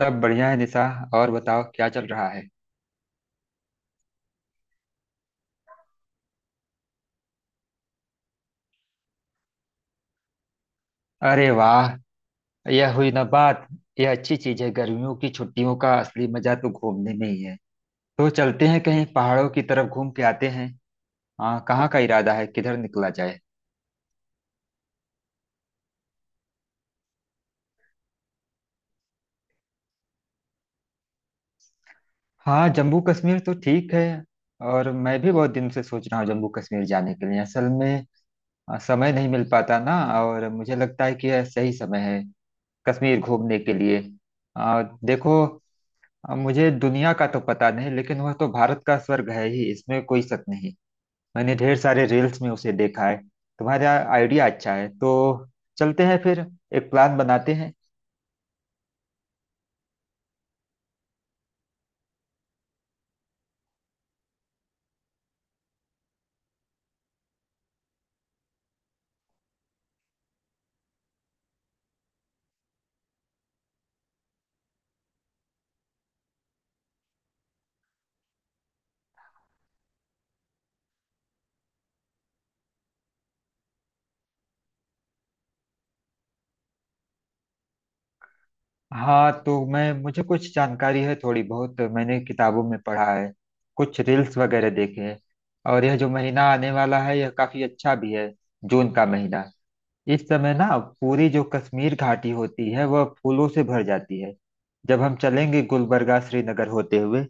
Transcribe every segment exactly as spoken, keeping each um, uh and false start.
सब बढ़िया है निशा। और बताओ क्या चल रहा है? अरे वाह! यह हुई ना बात। यह अच्छी चीज है। गर्मियों की छुट्टियों का असली मजा तो घूमने में ही है। तो चलते हैं कहीं पहाड़ों की तरफ, घूम के आते हैं। हाँ, कहाँ का इरादा है, किधर निकला जाए? हाँ, जम्मू कश्मीर तो ठीक है। और मैं भी बहुत दिन से सोच रहा हूँ जम्मू कश्मीर जाने के लिए। असल में अ, समय नहीं मिल पाता ना। और मुझे लगता है कि यह सही समय है कश्मीर घूमने के लिए। अ, देखो, अब मुझे दुनिया का तो पता नहीं, लेकिन वह तो भारत का स्वर्ग है ही, इसमें कोई शक नहीं। मैंने ढेर सारे रील्स में उसे देखा है। तुम्हारा आइडिया अच्छा है। तो चलते हैं फिर, एक प्लान बनाते हैं। हाँ तो मैं मुझे कुछ जानकारी है, थोड़ी बहुत मैंने किताबों में पढ़ा है, कुछ रील्स वगैरह देखे हैं। और यह जो महीना आने वाला है यह काफी अच्छा भी है, जून का महीना। इस समय ना पूरी जो कश्मीर घाटी होती है वह फूलों से भर जाती है। जब हम चलेंगे गुलबर्गा, श्रीनगर होते हुए,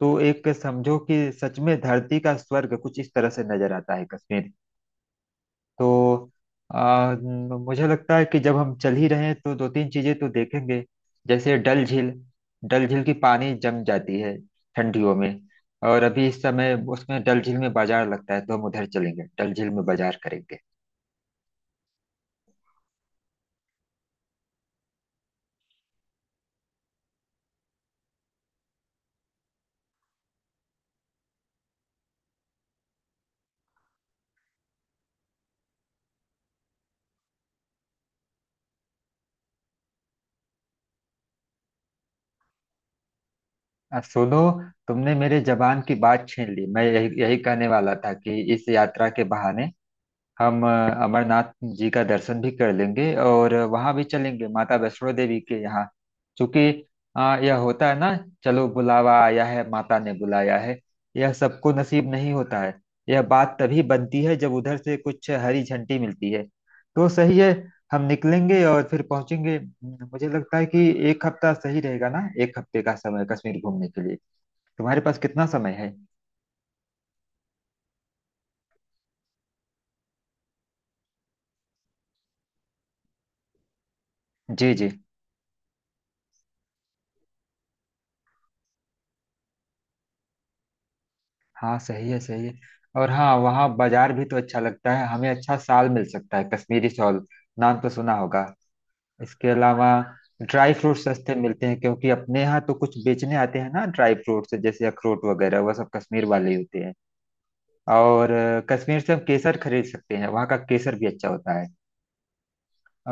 तो एक समझो कि सच में धरती का स्वर्ग कुछ इस तरह से नजर आता है कश्मीर। तो आ, न- मुझे लगता है कि जब हम चल ही रहे हैं तो दो तीन चीजें तो देखेंगे। जैसे डल झील। डल झील की पानी जम जाती है ठंडियों में। और अभी इस समय उसमें डल झील में बाजार लगता है, तो हम उधर चलेंगे, डल झील में बाजार करेंगे। अब सुनो, तुमने मेरे जबान की बात छीन ली। मैं यही यही कहने वाला था कि इस यात्रा के बहाने हम अ, अमरनाथ जी का दर्शन भी कर लेंगे और वहां भी चलेंगे माता वैष्णो देवी के यहाँ। क्योंकि अ, यह होता है ना, चलो बुलावा आया है, माता ने बुलाया है। यह सबको नसीब नहीं होता है। यह बात तभी बनती है जब उधर से कुछ हरी झंडी मिलती है। तो सही है, हम निकलेंगे और फिर पहुंचेंगे। मुझे लगता है कि एक हफ्ता सही रहेगा ना, एक हफ्ते का समय कश्मीर घूमने के लिए। तुम्हारे पास कितना समय है? जी जी। हाँ सही है, सही है। और हाँ, वहाँ बाजार भी तो अच्छा लगता है, हमें अच्छा साल मिल सकता है, कश्मीरी शॉल, नाम तो सुना होगा। इसके अलावा ड्राई फ्रूट सस्ते मिलते हैं, क्योंकि अपने यहाँ तो कुछ बेचने आते हैं ना ड्राई फ्रूट्स जैसे अखरोट वगैरह, वह सब कश्मीर वाले ही होते हैं। और अ, कश्मीर से हम केसर खरीद सकते हैं, वहाँ का केसर भी अच्छा होता है।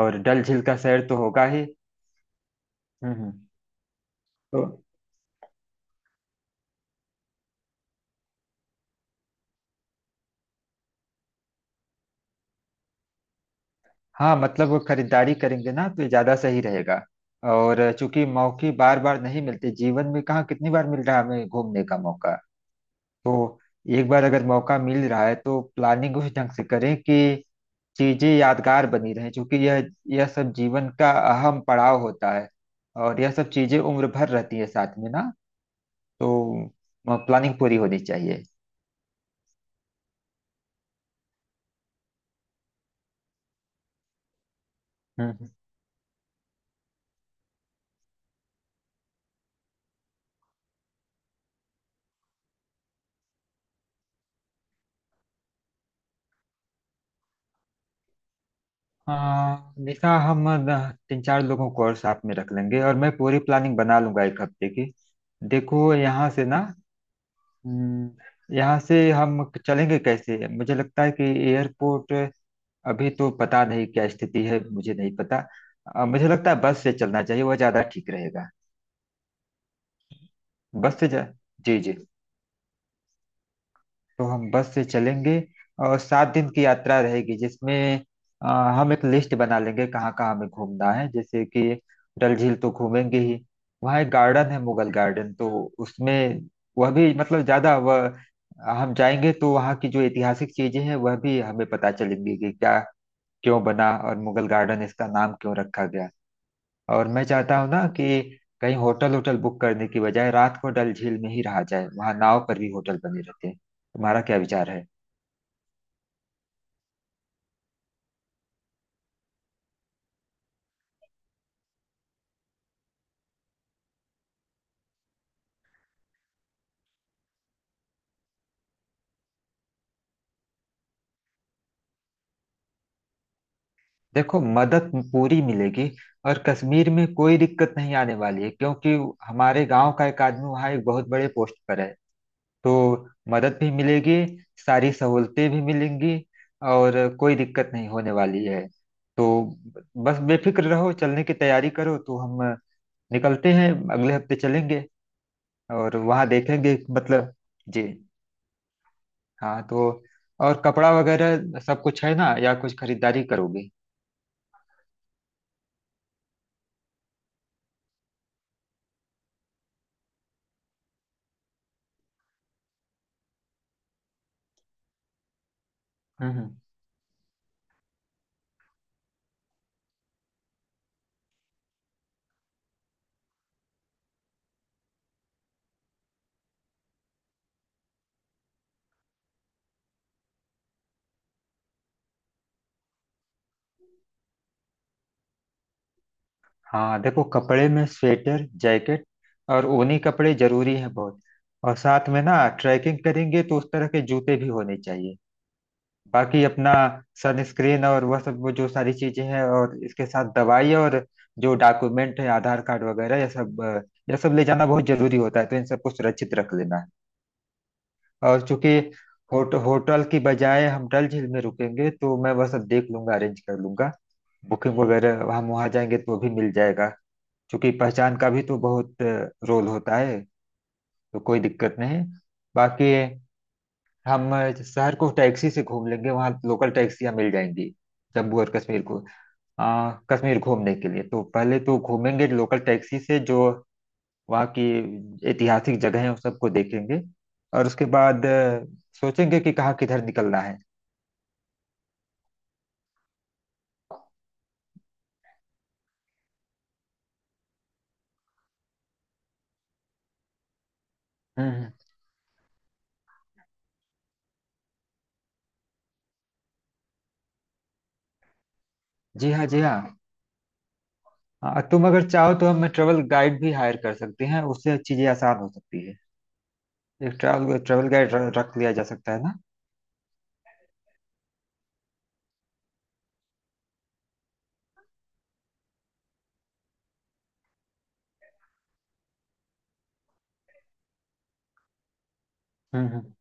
और डल झील का सैर तो होगा ही। हम्म, हम्म। तो हाँ, मतलब वो खरीदारी करेंगे ना तो ये ज्यादा सही रहेगा। और चूंकि मौके बार बार नहीं मिलते जीवन में, कहाँ कितनी बार मिल रहा है हमें घूमने का मौका। तो एक बार अगर मौका मिल रहा है तो प्लानिंग उस ढंग से करें कि चीजें यादगार बनी रहें, क्योंकि यह यह सब जीवन का अहम पड़ाव होता है। और यह सब चीजें उम्र भर रहती है साथ में ना। तो प्लानिंग पूरी होनी चाहिए। हम्म, हम्म। हाँ निशा, हम अ, तीन चार लोगों को और साथ में रख लेंगे, और मैं पूरी प्लानिंग बना लूंगा एक हफ्ते की। देखो, यहाँ से ना हम्म, यहाँ से हम चलेंगे कैसे? मुझे लगता है कि एयरपोर्ट, अभी तो पता नहीं क्या स्थिति है, मुझे नहीं पता। अ, मुझे लगता है बस से चलना चाहिए, वह ज्यादा ठीक रहेगा। बस से जा जी जी। तो हम बस से चलेंगे। और सात दिन की यात्रा रहेगी जिसमें अ, हम एक लिस्ट बना लेंगे कहाँ कहाँ हमें घूमना है। जैसे कि डल झील तो घूमेंगे ही। वहाँ एक गार्डन है, मुगल गार्डन। तो उसमें वह भी, मतलब ज्यादा वह, हम जाएंगे तो वहाँ की जो ऐतिहासिक चीजें हैं वह भी हमें पता चलेंगी कि क्या, क्यों बना और मुगल गार्डन इसका नाम क्यों रखा गया। और मैं चाहता हूँ ना कि कहीं होटल होटल बुक करने की बजाय रात को डल झील में ही रहा जाए। वहाँ नाव पर भी होटल बने रहते हैं, तुम्हारा क्या विचार है? देखो, मदद पूरी मिलेगी। और कश्मीर में कोई दिक्कत नहीं आने वाली है, क्योंकि हमारे गांव का एक आदमी वहाँ एक बहुत बड़े पोस्ट पर है। तो मदद भी मिलेगी, सारी सहूलतें भी मिलेंगी, और कोई दिक्कत नहीं होने वाली है। तो बस बेफिक्र रहो, चलने की तैयारी करो। तो हम निकलते हैं, अगले हफ्ते चलेंगे। और वहाँ देखेंगे, मतलब जी हाँ। तो और कपड़ा वगैरह सब कुछ है ना या कुछ खरीदारी करोगे? हम्म, हम्म। हाँ देखो, कपड़े में स्वेटर, जैकेट और ऊनी कपड़े जरूरी हैं बहुत। और साथ में ना ट्रैकिंग करेंगे तो उस तरह के जूते भी होने चाहिए। बाकी अपना सनस्क्रीन और वह सब, वो जो सारी चीजें हैं, और इसके साथ दवाई और जो डॉक्यूमेंट है, आधार कार्ड वगैरह, यह सब अ, यह सब ले जाना बहुत जरूरी होता है, तो इन सबको सुरक्षित रख लेना है। और चूंकि होट, होटल की बजाय हम डल झील में रुकेंगे, तो मैं वह सब देख लूंगा, अरेंज कर लूंगा। बुकिंग वगैरह हम वहाँ जाएंगे तो वो भी मिल जाएगा। चूंकि पहचान का भी तो बहुत अ, रोल होता है, तो कोई दिक्कत नहीं। बाकी हम अ, शहर को टैक्सी से घूम लेंगे, वहाँ लोकल टैक्सियाँ मिल जाएंगी। जम्मू और कश्मीर को अ, कश्मीर घूमने के लिए तो पहले तो घूमेंगे लोकल टैक्सी से, जो वहाँ की ऐतिहासिक जगह है उन सबको देखेंगे। और उसके बाद अ, सोचेंगे कि कहाँ किधर निकलना है। हम्म, हम्म। जी हाँ, जी हाँ। अ, तुम अगर चाहो तो हम ट्रेवल गाइड भी हायर कर सकते हैं, उससे चीजें आसान हो सकती है। एक ट्रैवल ट्रैवल गाइड रख लिया जा सकता है ना। हम्म, हम्म,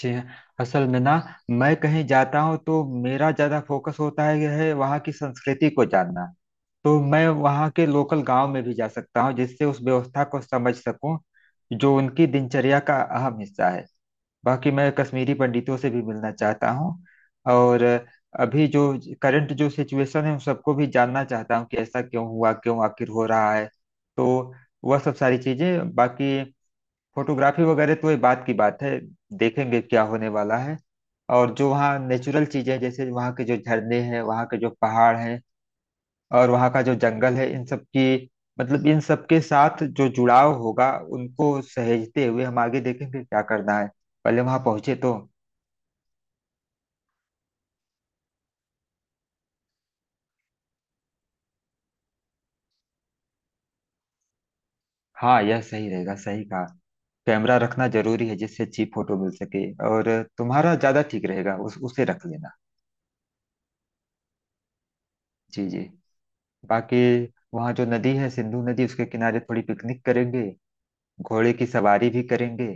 जी हाँ। असल में ना, मैं कहीं जाता हूँ तो मेरा ज्यादा फोकस होता है यह है, वहाँ की संस्कृति को जानना। तो मैं वहाँ के लोकल गांव में भी जा सकता हूँ जिससे उस व्यवस्था को समझ सकूँ जो उनकी दिनचर्या का अहम हिस्सा है। बाकी मैं कश्मीरी पंडितों से भी मिलना चाहता हूँ। और अभी जो करंट जो सिचुएशन है उन सबको भी जानना चाहता हूँ कि ऐसा क्यों हुआ, क्यों आखिर हो रहा है। तो वह सब सारी चीजें। बाकी फोटोग्राफी वगैरह तो ये बात की बात है, देखेंगे क्या होने वाला है। और जो वहाँ नेचुरल चीजें जैसे वहाँ के जो झरने हैं, वहाँ के जो पहाड़ हैं, और वहाँ का जो जंगल है, इन सब की, मतलब इन सब के साथ जो जुड़ाव होगा, उनको सहेजते हुए हम आगे देखेंगे क्या करना है। पहले वहाँ पहुंचे तो। हाँ, यह सही रहेगा, सही कहा। कैमरा रखना जरूरी है जिससे अच्छी फोटो मिल सके। और तुम्हारा ज्यादा ठीक रहेगा, उस उसे रख लेना। जी जी। बाकी वहाँ जो नदी है, सिंधु नदी, उसके किनारे थोड़ी पिकनिक करेंगे, घोड़े की सवारी भी करेंगे,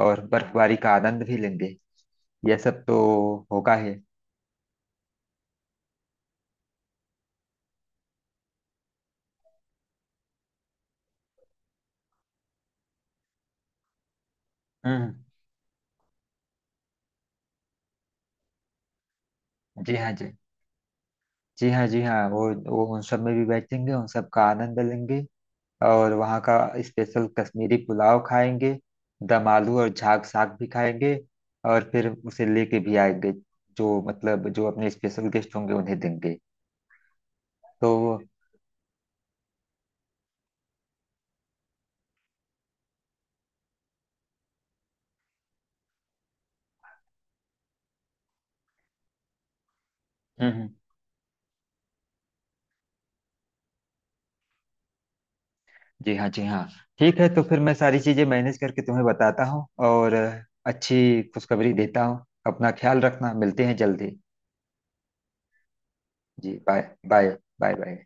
और बर्फबारी का आनंद भी लेंगे। यह सब तो होगा ही। हम्म। जी हाँ, जी। जी हाँ, जी हाँ, वो वो उन सब में भी बैठेंगे, उन सब का आनंद लेंगे। और वहाँ का स्पेशल कश्मीरी पुलाव खाएंगे, दम आलू और झाग साग भी खाएंगे, और फिर उसे लेके भी आएंगे। जो मतलब जो अपने स्पेशल गेस्ट होंगे उन्हें देंगे। तो हम्म। जी हाँ, जी हाँ। ठीक है, तो फिर मैं सारी चीज़ें मैनेज करके तुम्हें बताता हूँ, और अ, अच्छी खुशखबरी देता हूँ। अपना ख्याल रखना, मिलते हैं जल्दी। जी, बाय। बाय। Bye, bye.